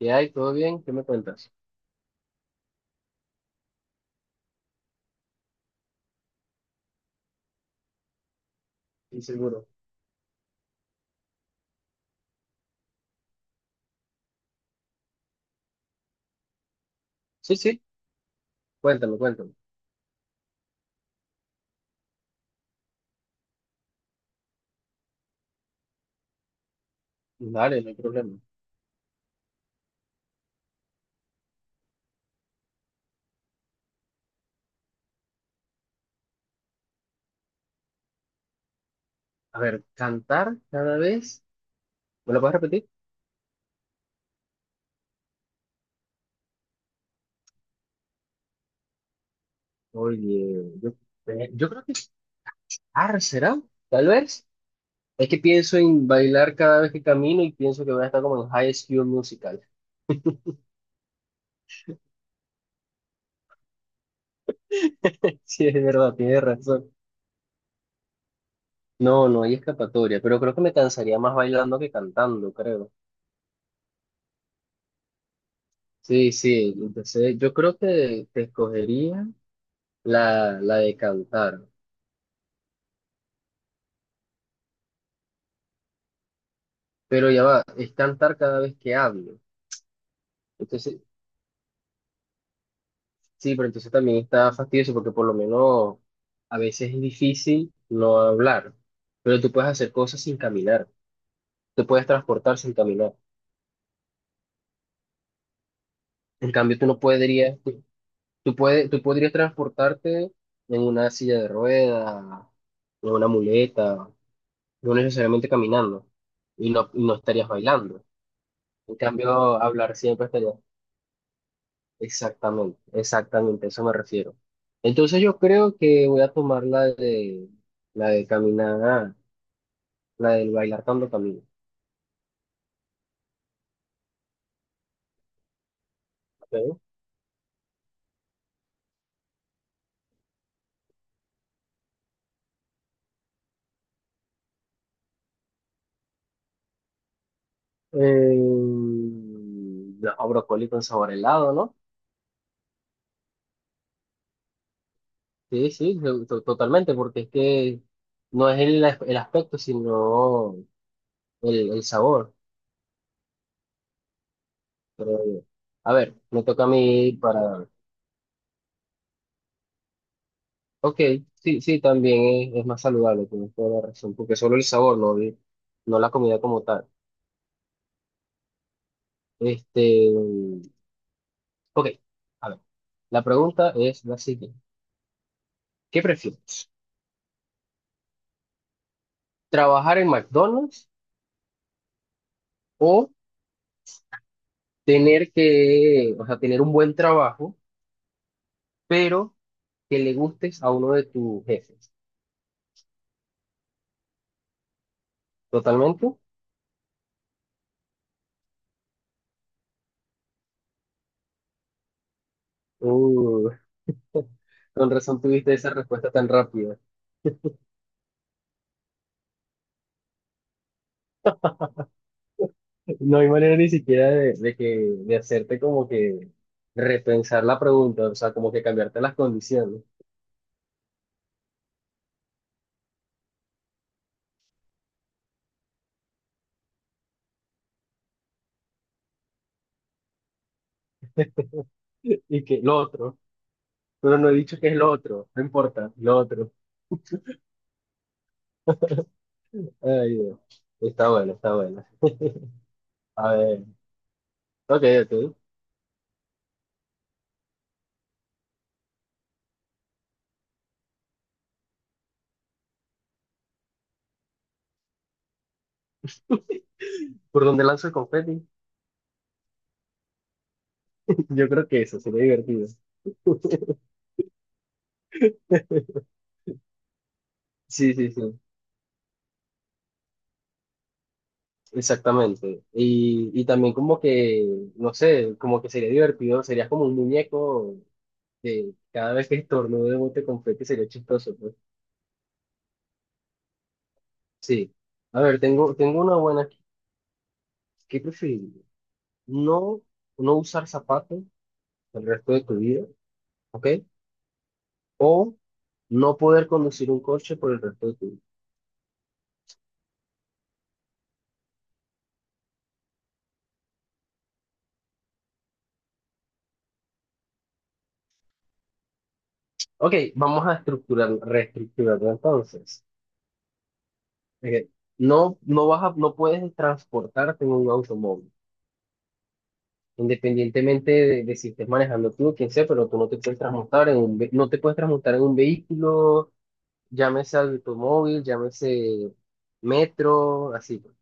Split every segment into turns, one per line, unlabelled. ¿Qué hay? ¿Todo bien? ¿Qué me cuentas? Sí, seguro. Sí, sí, cuéntame, cuéntame. Dale, no hay problema. A ver, cantar cada vez. ¿Me lo puedes repetir? Oye, yo creo que. Ah, ¿será? Tal vez. Es que pienso en bailar cada vez que camino y pienso que voy a estar como en High School Musical. Sí, es verdad, tienes razón. No, no hay escapatoria, pero creo que me cansaría más bailando que cantando, creo. Sí, sí, entonces yo creo que te escogería la de cantar. Pero ya va, es cantar cada vez que hablo. Entonces, sí, pero entonces también está fastidioso porque por lo menos a veces es difícil no hablar, pero tú puedes hacer cosas sin caminar, te puedes transportar sin caminar. En cambio, tú no podrías, tú puedes, tú podrías transportarte en una silla de ruedas, en una muleta, no necesariamente caminando y no estarías bailando. En cambio, hablar siempre estaría. Exactamente, exactamente, a eso me refiero. Entonces yo creo que voy a tomar la de caminar, la del bailar cuando camino. Ok. No, brócoli con sabor a helado, ¿no? Sí, sí, totalmente, porque es que no es el aspecto, sino el sabor. Creo A ver, me toca a mí para... Ok, sí, sí, también es más saludable, tienes toda la razón, porque solo el sabor, no, no la comida como tal. Este, ok, a ver, la pregunta es la siguiente. ¿Qué prefieres? ¿Trabajar en McDonald's o tener que, o sea, tener un buen trabajo, pero que le gustes a uno de tus jefes? ¿Totalmente? Uh, con razón tuviste esa respuesta tan rápida. No hay manera ni siquiera de, de hacerte como que repensar la pregunta, o sea, como que cambiarte las condiciones. Y que lo otro, pero no he dicho que es lo otro, no importa, lo otro. Ay, Dios. Está bueno, está bueno. A ver, ok, ok. ¿Por dónde lanzo el confeti? Yo creo que eso sería divertido. Sí, sí, sí, exactamente. Y también como que, no sé, como que sería divertido, sería como un muñeco que cada vez que estornude bote confeti sería chistoso, pues. Sí. A ver, tengo una buena aquí. ¿Qué prefieres? No, no usar zapatos el resto de tu vida, ¿ok? O no poder conducir un coche por el resto de tu vida. Ok, vamos a estructurar, reestructurarlo entonces. Ok, No, no puedes transportarte en un automóvil, independientemente de si estés manejando tú o quien sea, pero tú no te puedes transportar no te puedes transportar en un vehículo, llámese automóvil, llámese metro, así, pues.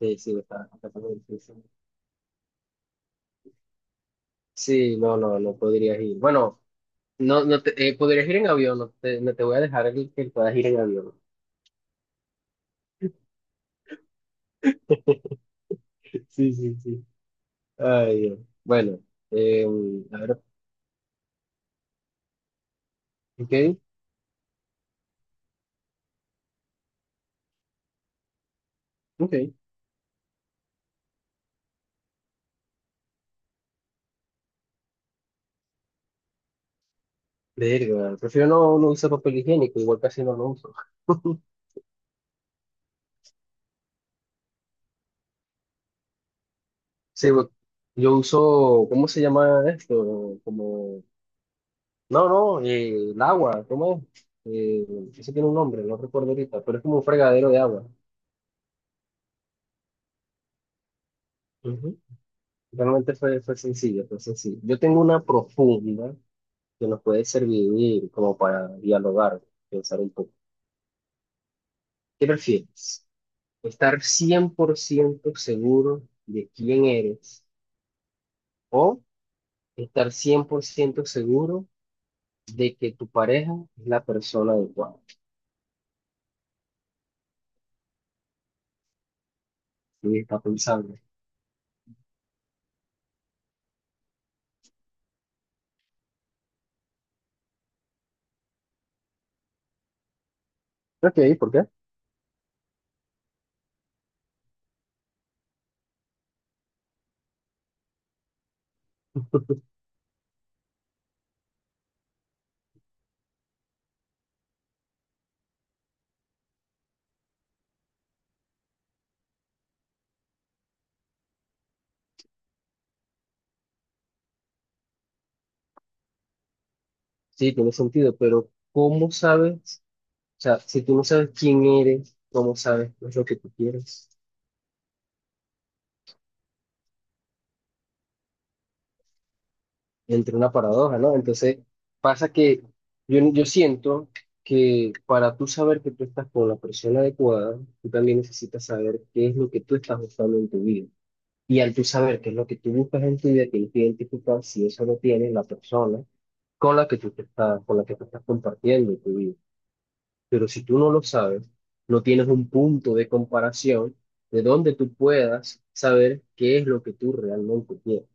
Sí, sí, está como difícil. Sí, sí, no, no, no podrías ir. Bueno, no, no te, podrías ir en avión, no te voy a dejar que puedas ir en avión. Sí, sí, sí. Ay, Dios. Bueno, eh, a ver, ok, ok, verga, prefiero no, no usar papel higiénico, igual casi no lo uso. Sí, yo uso, ¿cómo se llama esto? Como, no, no, el agua, ¿cómo es? Eso tiene un nombre, no recuerdo ahorita, pero es como un fregadero de agua. Ujú. Realmente fue sencillo, fue sencillo. Yo tengo una profunda que nos puede servir como para dialogar, pensar un poco. ¿Qué prefieres? Estar 100% seguro de quién eres o estar 100% seguro de que tu pareja es la persona adecuada. Sí, está pensando. Ok, ¿por qué? Sí, tiene sentido, pero ¿cómo sabes? O sea, si tú no sabes quién eres, ¿cómo sabes qué es lo que tú quieres? Entre una paradoja, ¿no? Entonces, pasa que yo siento que para tú saber que tú estás con la persona adecuada, tú también necesitas saber qué es lo que tú estás buscando en tu vida. Y al tú saber qué es lo que tú buscas en tu vida, tienes que identificar si eso lo tiene la persona con la que tú estás compartiendo tu vida. Pero si tú no lo sabes, no tienes un punto de comparación de donde tú puedas saber qué es lo que tú realmente quieres.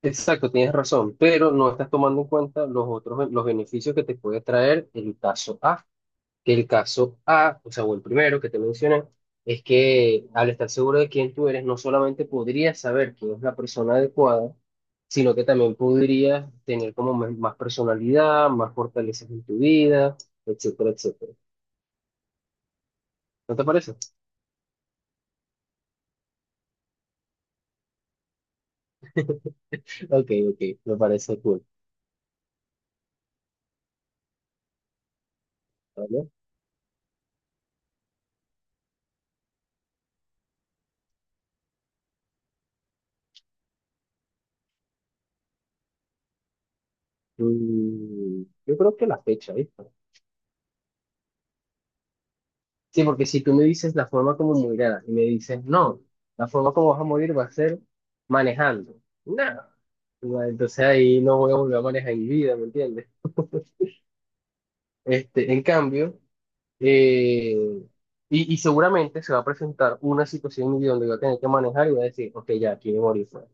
Exacto, tienes razón, pero no estás tomando en cuenta los otros, los beneficios que te puede traer el caso A. Que el caso A, o sea, o el primero que te mencioné, es que al estar seguro de quién tú eres, no solamente podrías saber quién es la persona adecuada, sino que también podrías tener como más personalidad, más fortalezas en tu vida, etcétera, etcétera. ¿No te parece? Ok, ok, me parece cool. ¿Vale? Yo creo que la fecha, ¿viste? Sí, porque si tú me dices la forma como morirás y me dices, no, la forma como vas a morir va a ser manejando. Nada. Entonces ahí no voy a volver a manejar en mi vida, ¿me entiendes? En cambio, eh, y seguramente se va a presentar una situación en mi vida donde voy a tener que manejar y voy a decir, ok, ya, aquí me morí, pues.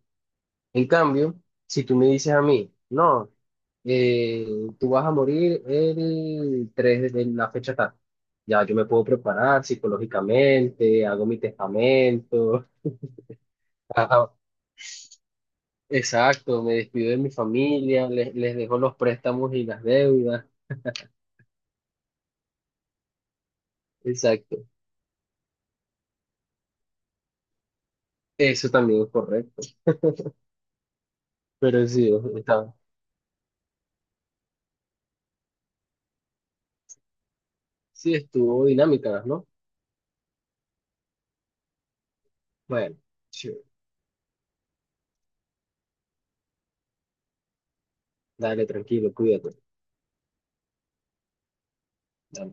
En cambio, si tú me dices a mí, no, eh, tú vas a morir el 3 de la fecha tal, ya yo me puedo preparar psicológicamente, hago mi testamento, a- a- exacto, me despido de mi familia, les dejo los préstamos y las deudas, exacto, eso también es correcto, pero sí, está, sí estuvo dinámica, ¿no? Bueno, sí, dale, tranquilo, cuídate. Dale.